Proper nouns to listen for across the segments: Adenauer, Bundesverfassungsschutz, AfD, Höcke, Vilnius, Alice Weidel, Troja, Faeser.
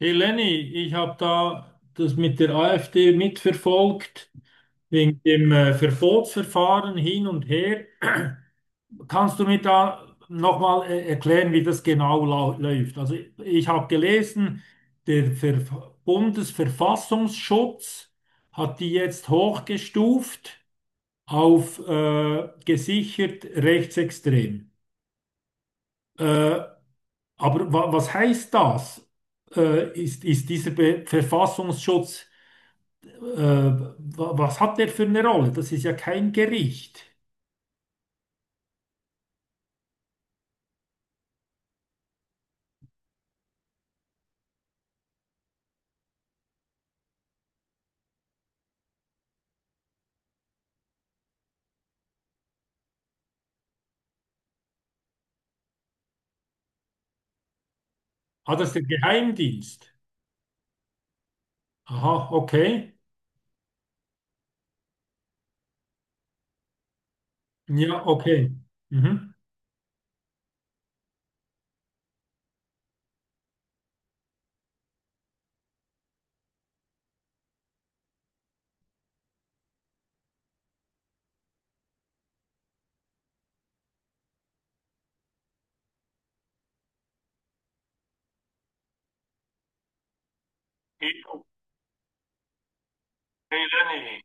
Hey Lenny, ich habe da das mit der AfD mitverfolgt, wegen dem Verbotsverfahren hin und her. Kannst du mir da nochmal erklären, wie das genau läuft? Also ich habe gelesen, der Ver Bundesverfassungsschutz hat die jetzt hochgestuft auf gesichert rechtsextrem. Äh, aber wa was heißt das? Ist, ist dieser Be Verfassungsschutz Äh, was hat der für eine Rolle? Das ist ja kein Gericht. Ah, das ist der Geheimdienst. Aha, okay. Ja, okay. Mhm. Hey Lenny,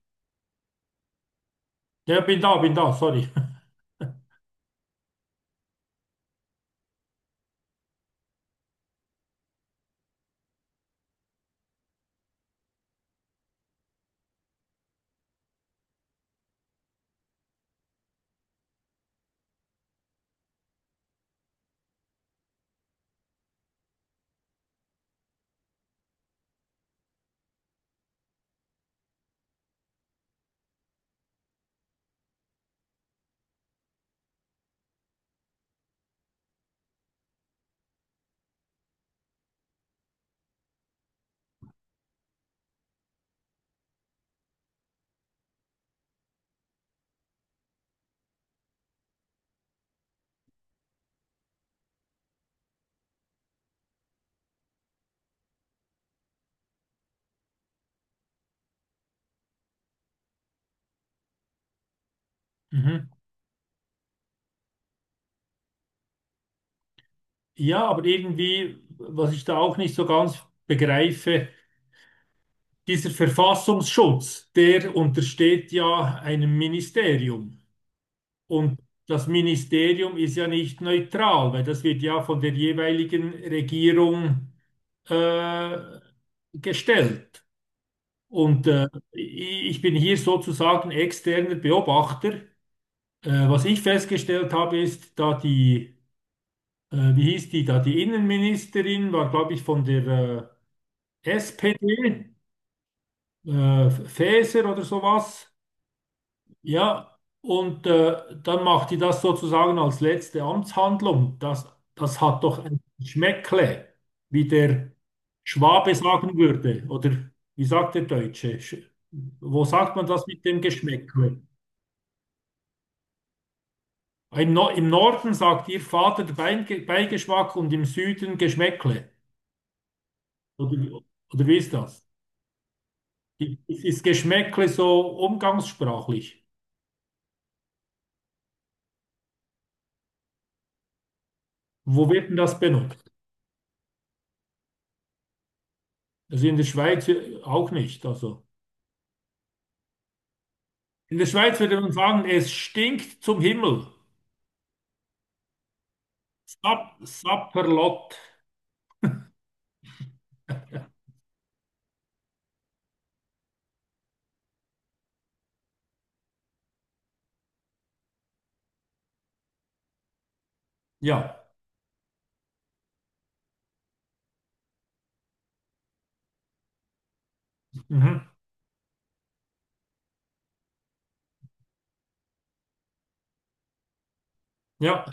ja, bin da, sorry. Mhm. Ja, aber irgendwie, was ich da auch nicht so ganz begreife, dieser Verfassungsschutz, der untersteht ja einem Ministerium. Und das Ministerium ist ja nicht neutral, weil das wird ja von der jeweiligen Regierung äh, gestellt. Und ich bin hier sozusagen externer Beobachter. Was ich festgestellt habe, ist, da die, wie hieß die, da die Innenministerin war, glaube ich, von der SPD, Faeser oder sowas. Ja, und dann macht die das sozusagen als letzte Amtshandlung. Das hat doch ein Schmäckle, wie der Schwabe sagen würde. Oder wie sagt der Deutsche? Wo sagt man das mit dem Geschmäckle? Im, no im Norden sagt ihr Vater Beigeschmack und im Süden Geschmäckle. Oder, oder wie ist das? Ist Geschmäckle so umgangssprachlich? Wo wird denn das benutzt? Also in der Schweiz auch nicht. Also. In der Schweiz würde man sagen, es stinkt zum Himmel. Sapperlot. Ja. Mhm. Ja.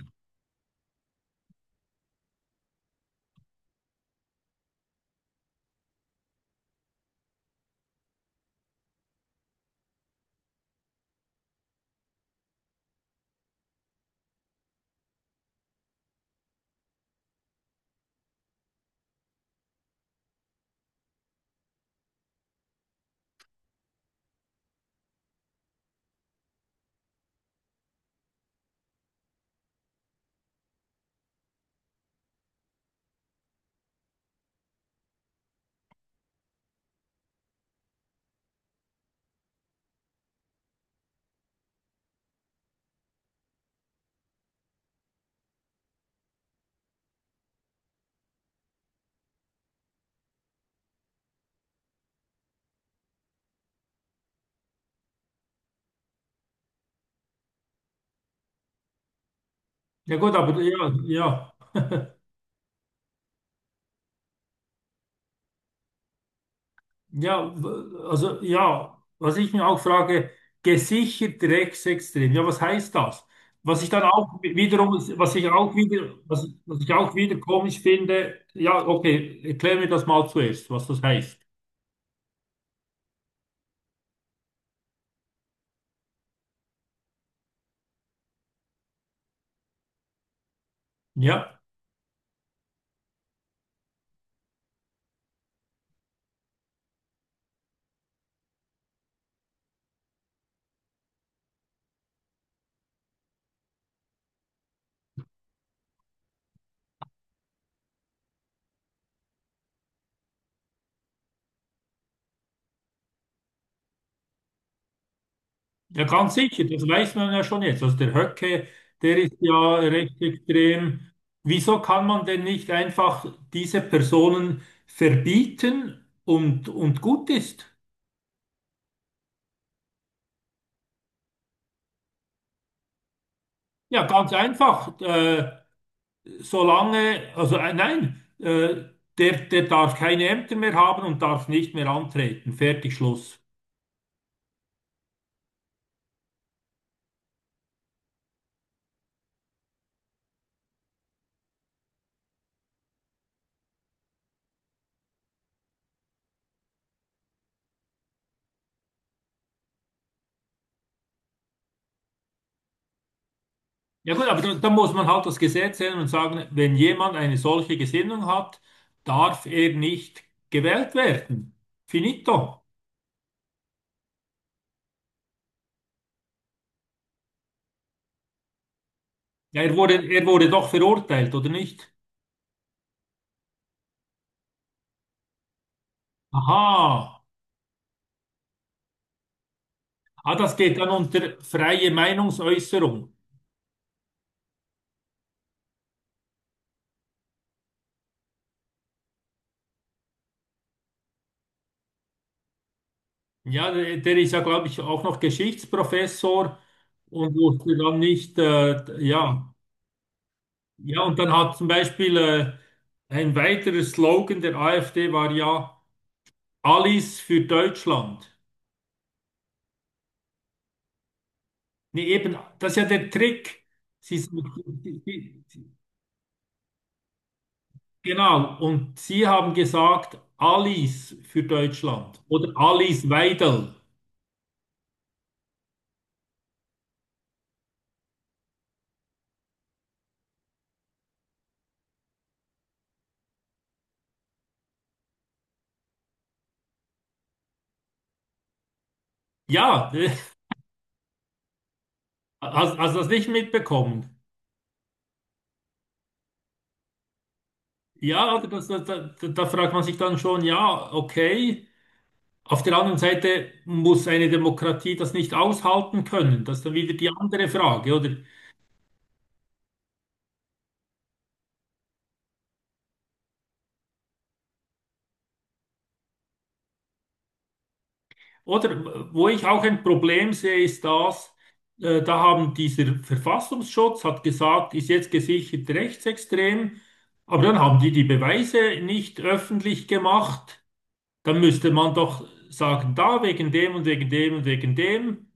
Ja gut, aber ja, ja. Ja, also ja, was ich mir auch frage, gesichert rechtsextrem. Ja, was heißt das? Was ich dann auch wiederum, was ich auch wieder, was, Was ich auch wieder komisch finde, ja, okay, erklär mir das mal zuerst, was das heißt. Ja. Ja, ganz sicher, das weiß man ja schon jetzt. Also der Höcke, der ist ja recht extrem. Wieso kann man denn nicht einfach diese Personen verbieten und gut ist? Ja, ganz einfach. Solange, also nein, der darf keine Ämter mehr haben und darf nicht mehr antreten. Fertig, Schluss. Ja gut, aber da muss man halt das Gesetz ändern und sagen, wenn jemand eine solche Gesinnung hat, darf er nicht gewählt werden. Finito. Ja, er wurde doch verurteilt, oder nicht? Aha. Ah, das geht dann unter freie Meinungsäußerung. Ja, der ist ja, glaube ich, auch noch Geschichtsprofessor und wusste dann nicht, ja. Ja, und dann hat zum Beispiel ein weiterer Slogan der AfD war ja Alles für Deutschland. Nee, eben, das ist ja der Trick. Sie, genau, und Sie haben gesagt, Alice für Deutschland oder Alice Weidel. Ja, hast du das nicht mitbekommen? Ja, also da fragt man sich dann schon, ja, okay. Auf der anderen Seite muss eine Demokratie das nicht aushalten können. Das ist dann wieder die andere Frage, oder? Oder wo ich auch ein Problem sehe, ist das, da haben dieser Verfassungsschutz hat gesagt, ist jetzt gesichert rechtsextrem, aber dann haben die die Beweise nicht öffentlich gemacht. Dann müsste man doch sagen, da wegen dem und wegen dem und wegen dem.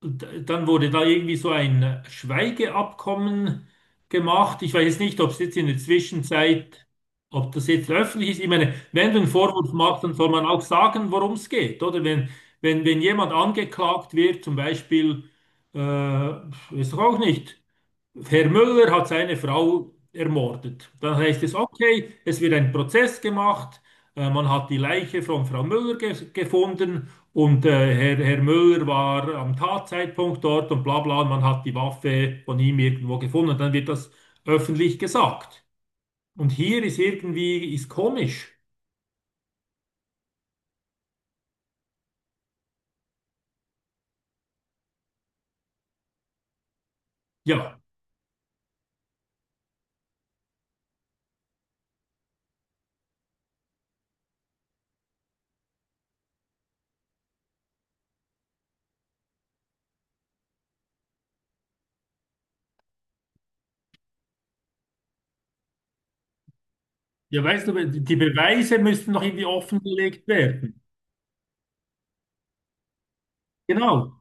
Und dann wurde da irgendwie so ein Schweigeabkommen gemacht. Ich weiß jetzt nicht, ob es jetzt in der Zwischenzeit, ob das jetzt öffentlich ist. Ich meine, wenn du einen Vorwurf machst, dann soll man auch sagen, worum es geht, oder? Wenn jemand angeklagt wird, zum Beispiel, weiß ich auch nicht, Herr Müller hat seine Frau ermordet. Dann heißt es, okay, es wird ein Prozess gemacht. Man hat die Leiche von Frau Müller ge gefunden und Herr Müller war am Tatzeitpunkt dort und bla bla. Und man hat die Waffe von ihm irgendwo gefunden. Dann wird das öffentlich gesagt. Und hier ist irgendwie, ist komisch. Ja, ja, weißt du, die Beweise müssten noch irgendwie offengelegt werden. Genau.